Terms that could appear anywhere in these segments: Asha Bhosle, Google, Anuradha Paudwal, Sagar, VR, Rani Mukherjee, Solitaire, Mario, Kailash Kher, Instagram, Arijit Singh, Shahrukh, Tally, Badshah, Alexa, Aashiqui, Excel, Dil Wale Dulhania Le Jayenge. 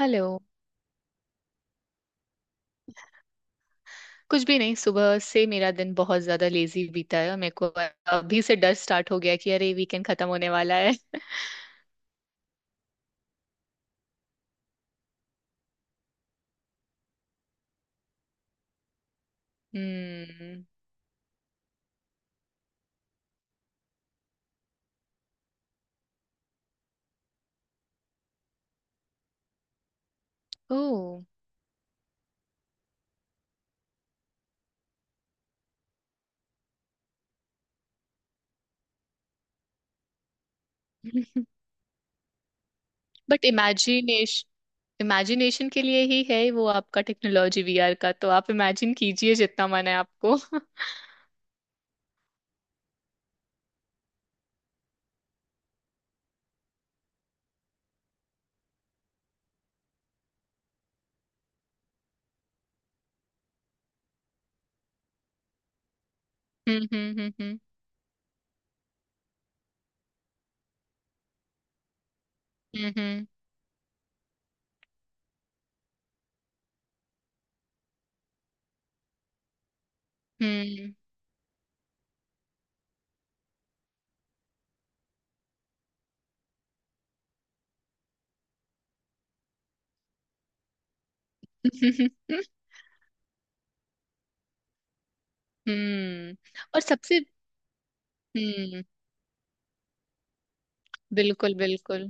Hello. कुछ भी नहीं। सुबह से मेरा दिन बहुत ज्यादा लेजी बीता है और मेरे को अभी से डर स्टार्ट हो गया कि अरे वीकेंड खत्म होने वाला है। Hmm. Oh. But imagination imagination के लिए ही है वो। आपका टेक्नोलॉजी वीआर का, तो आप इमेजिन कीजिए जितना मन है आपको। हम्म, hmm, hmm, hmm, hmm, hmm. हम्म। और सबसे। हम्म। बिल्कुल, बिल्कुल,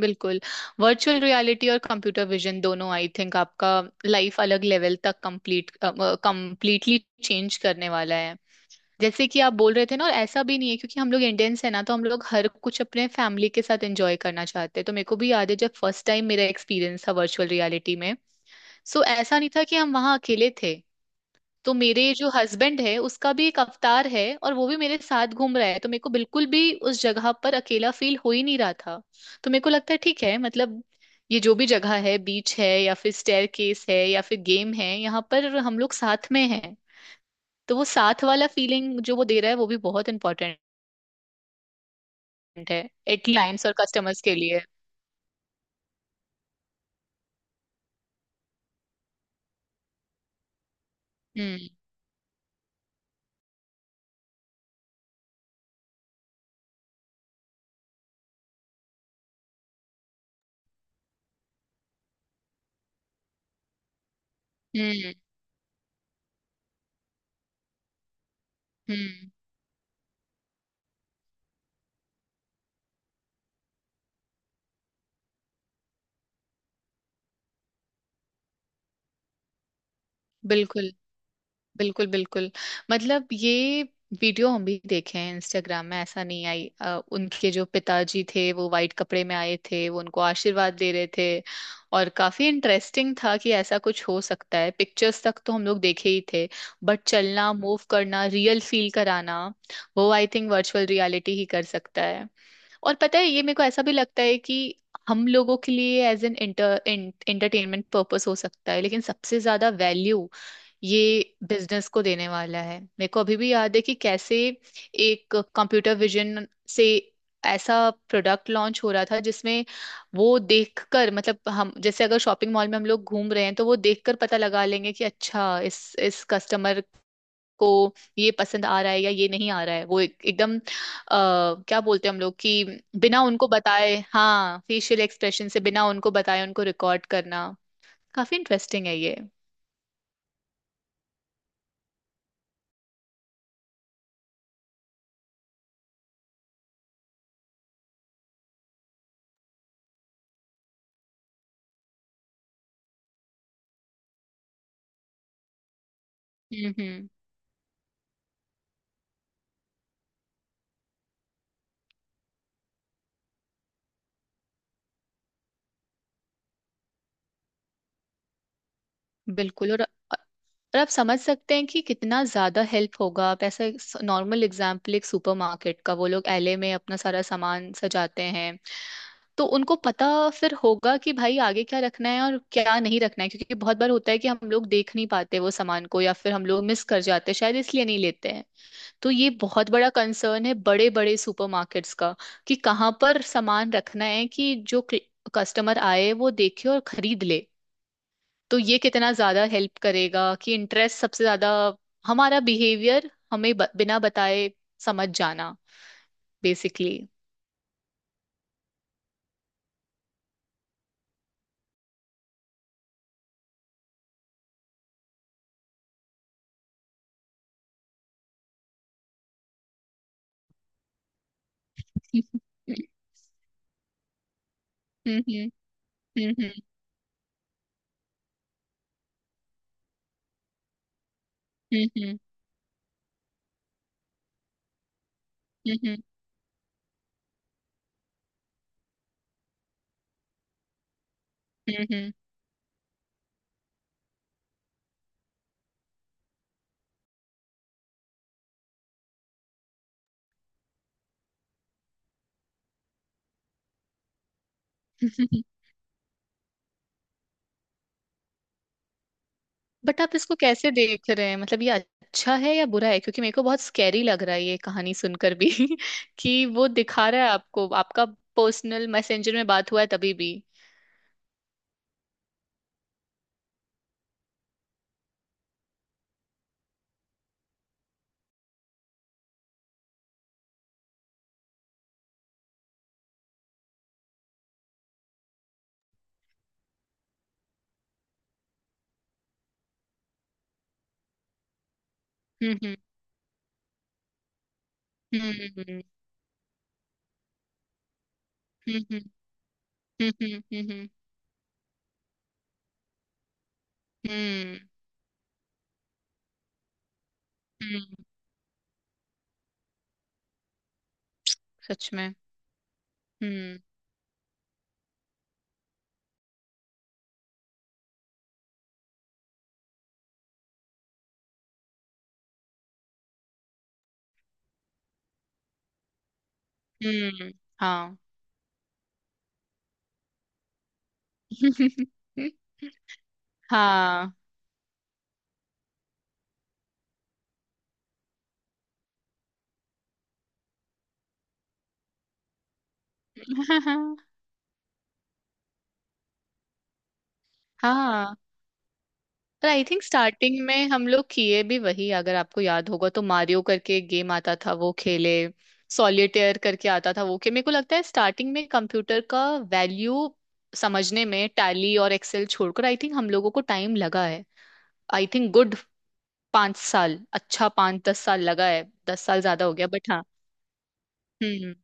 बिल्कुल। वर्चुअल रियलिटी और कंप्यूटर विजन दोनों आई थिंक आपका लाइफ अलग लेवल तक कंप्लीटली चेंज करने वाला है। जैसे कि आप बोल रहे थे ना, और ऐसा भी नहीं है क्योंकि हम लोग इंडियंस है ना, तो हम लोग हर कुछ अपने फैमिली के साथ एंजॉय करना चाहते हैं। तो मेरे को भी याद है जब फर्स्ट टाइम मेरा एक्सपीरियंस था वर्चुअल रियलिटी में। सो ऐसा नहीं था कि हम वहाँ अकेले थे। तो मेरे जो हस्बैंड है उसका भी एक अवतार है और वो भी मेरे साथ घूम रहा है, तो मेरे को बिल्कुल भी उस जगह पर अकेला फील हो ही नहीं रहा था। तो मेरे को लगता है ठीक है, मतलब ये जो भी जगह है, बीच है या फिर स्टेयर केस है या फिर गेम है, यहाँ पर हम लोग साथ में हैं। तो वो साथ वाला फीलिंग जो वो दे रहा है वो भी बहुत इंपॉर्टेंट है क्लाइंट्स और कस्टमर्स के लिए। हम्म, हम्म, हम्म। बिल्कुल, बिल्कुल, बिल्कुल। मतलब ये वीडियो हम भी देखे हैं इंस्टाग्राम में, ऐसा नहीं। उनके जो पिताजी थे वो वाइट कपड़े में आए थे, वो उनको आशीर्वाद दे रहे थे। और काफी इंटरेस्टिंग था कि ऐसा कुछ हो सकता है, पिक्चर्स तक तो हम लोग देखे ही थे। बट चलना, मूव करना, रियल फील कराना, वो आई थिंक वर्चुअल रियलिटी ही कर सकता है। और पता है, ये मेरे को ऐसा भी लगता है कि हम लोगों के लिए एज एन एंटरटेनमेंट पर्पस हो सकता है, लेकिन सबसे ज्यादा वैल्यू ये बिजनेस को देने वाला है। मेरे को अभी भी याद है कि कैसे एक कंप्यूटर विजन से ऐसा प्रोडक्ट लॉन्च हो रहा था जिसमें वो देखकर, मतलब हम जैसे अगर शॉपिंग मॉल में हम लोग घूम रहे हैं तो वो देखकर पता लगा लेंगे कि अच्छा इस कस्टमर को ये पसंद आ रहा है या ये नहीं आ रहा है। वो एकदम क्या बोलते हैं हम लोग कि बिना उनको बताए, हाँ, फेशियल एक्सप्रेशन से बिना उनको बताए उनको रिकॉर्ड करना। काफी इंटरेस्टिंग है ये। हम्म, बिल्कुल। और आप समझ सकते हैं कि कितना ज्यादा हेल्प होगा। आप ऐसा, नॉर्मल एग्जाम्पल एक सुपरमार्केट का, वो लोग एले में अपना सारा सामान सजाते हैं, तो उनको पता फिर होगा कि भाई आगे क्या रखना है और क्या नहीं रखना है, क्योंकि बहुत बार होता है कि हम लोग देख नहीं पाते वो सामान को या फिर हम लोग मिस कर जाते हैं, शायद इसलिए नहीं लेते हैं। तो ये बहुत बड़ा कंसर्न है बड़े बड़े सुपरमार्केट्स का, कि कहाँ पर सामान रखना है कि जो कस्टमर आए वो देखे और खरीद ले। तो ये कितना ज्यादा हेल्प करेगा कि इंटरेस्ट सबसे ज्यादा, हमारा बिहेवियर हमें बिना बताए समझ जाना, बेसिकली। बट आप इसको कैसे देख रहे हैं, मतलब ये अच्छा है या बुरा है, क्योंकि मेरे को बहुत स्कैरी लग रहा है ये कहानी सुनकर भी। कि वो दिखा रहा है आपको, आपका पर्सनल मैसेंजर में बात हुआ है तभी भी। हम्म, hmm, hmm, hmm, hmm, hmm, hmm, hmm, हम्म, सच में। हम्म। हम्म। हाँ। हाँ। हाँ। पर आई थिंक स्टार्टिंग में हम लोग किए भी वही, अगर आपको याद होगा तो मारियो करके एक गेम आता था, वो खेले, सॉलिटेयर करके आता था, वो खेले। मेरे को लगता है स्टार्टिंग में कंप्यूटर का वैल्यू समझने में टैली और एक्सेल छोड़कर आई थिंक हम लोगों को टाइम लगा है। आई थिंक गुड 5 साल, अच्छा 5-10 साल लगा है। 10 साल ज्यादा हो गया, बट हाँ। हम्म,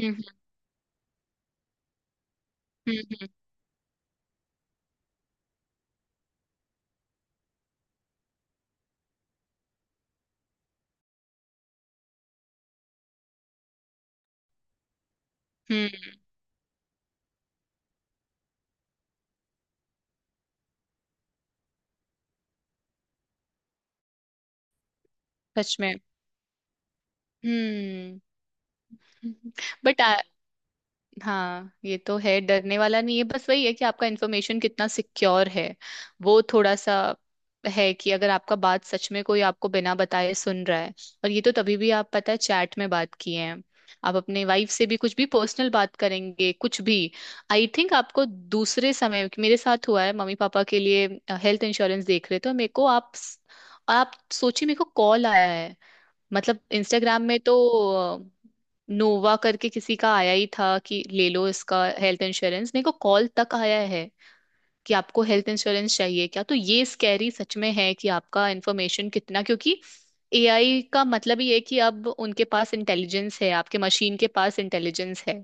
हम्म, हम्म, हम्म, हम्म, सच में। हम्म। बट हाँ, ये तो है, डरने वाला नहीं है, बस वही है कि आपका इन्फॉर्मेशन कितना सिक्योर है, वो थोड़ा सा है कि अगर आपका बात सच में कोई आपको बिना बताए सुन रहा है। और ये तो तभी भी, आप पता है, चैट में बात किए हैं, आप अपने वाइफ से भी कुछ भी पर्सनल बात करेंगे, कुछ भी। आई थिंक आपको दूसरे समय मेरे साथ हुआ है, मम्मी पापा के लिए हेल्थ इंश्योरेंस देख रहे थे और मेरे को, आप सोचिए, मेरे को कॉल आया है। मतलब इंस्टाग्राम में तो नोवा करके किसी का आया ही था कि ले लो इसका हेल्थ इंश्योरेंस, मेरे को कॉल तक आया है कि आपको हेल्थ इंश्योरेंस चाहिए क्या। तो ये स्कैरी सच में है कि आपका इंफॉर्मेशन कितना, क्योंकि एआई का मतलब ही है कि अब उनके पास इंटेलिजेंस है, आपके मशीन के पास इंटेलिजेंस है।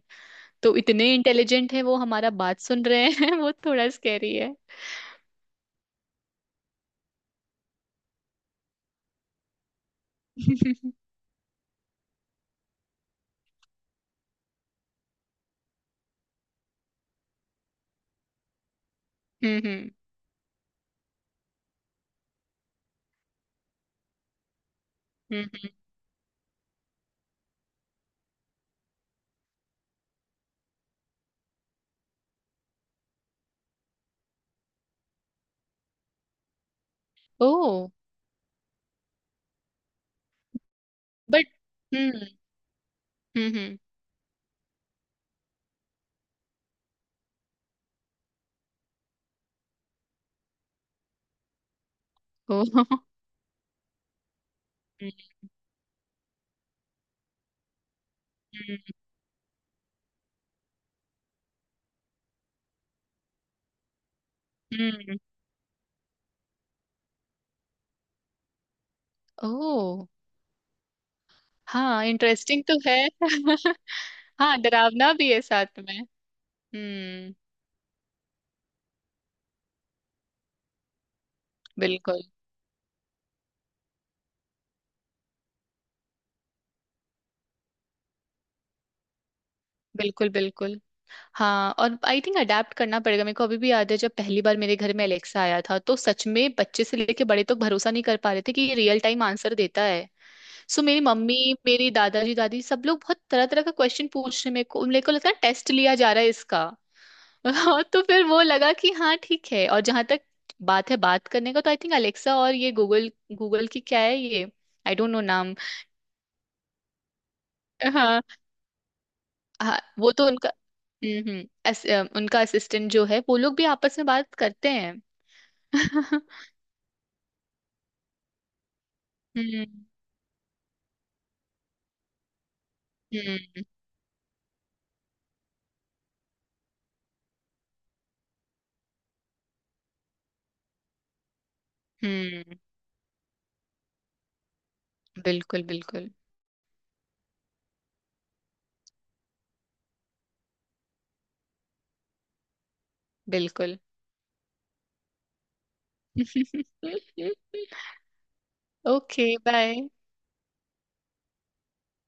तो इतने इंटेलिजेंट है वो, हमारा बात सुन रहे हैं। वो थोड़ा स्कैरी है। हम्म, hmm, hmm. Oh. But. Hmm, hmm, hmm. O. Hmm, hmm. Oh. हाँ, इंटरेस्टिंग तो है। हाँ, डरावना भी है साथ में। हम्म। बिल्कुल, बिल्कुल, बिल्कुल। हाँ, और आई थिंक अडेप्ट करना पड़ेगा, मेरे को अभी भी याद है जब पहली बार मेरे घर में एलेक्सा आया था तो सच में बच्चे से लेके बड़े तक भरोसा नहीं कर पा रहे थे कि ये रियल टाइम आंसर देता है। सो मेरी मम्मी, मेरी दादाजी दादी सब लोग बहुत तरह तरह का क्वेश्चन पूछ रहे हैं। मेरे को लगता है टेस्ट लिया जा रहा है इसका। हाँ, तो फिर वो लगा कि हाँ ठीक है। और जहां तक बात है, बात करने का, तो आई थिंक अलेक्सा और ये गूगल, गूगल की क्या है ये, आई डोंट नो नाम। हाँ। हाँ, वो तो उनका, हम्म, हम्म, उनका असिस्टेंट जो है, वो लोग भी आपस में बात करते हैं। हम्म, हम्म, हम्म। बिल्कुल, बिल्कुल, बिल्कुल। Okay bye.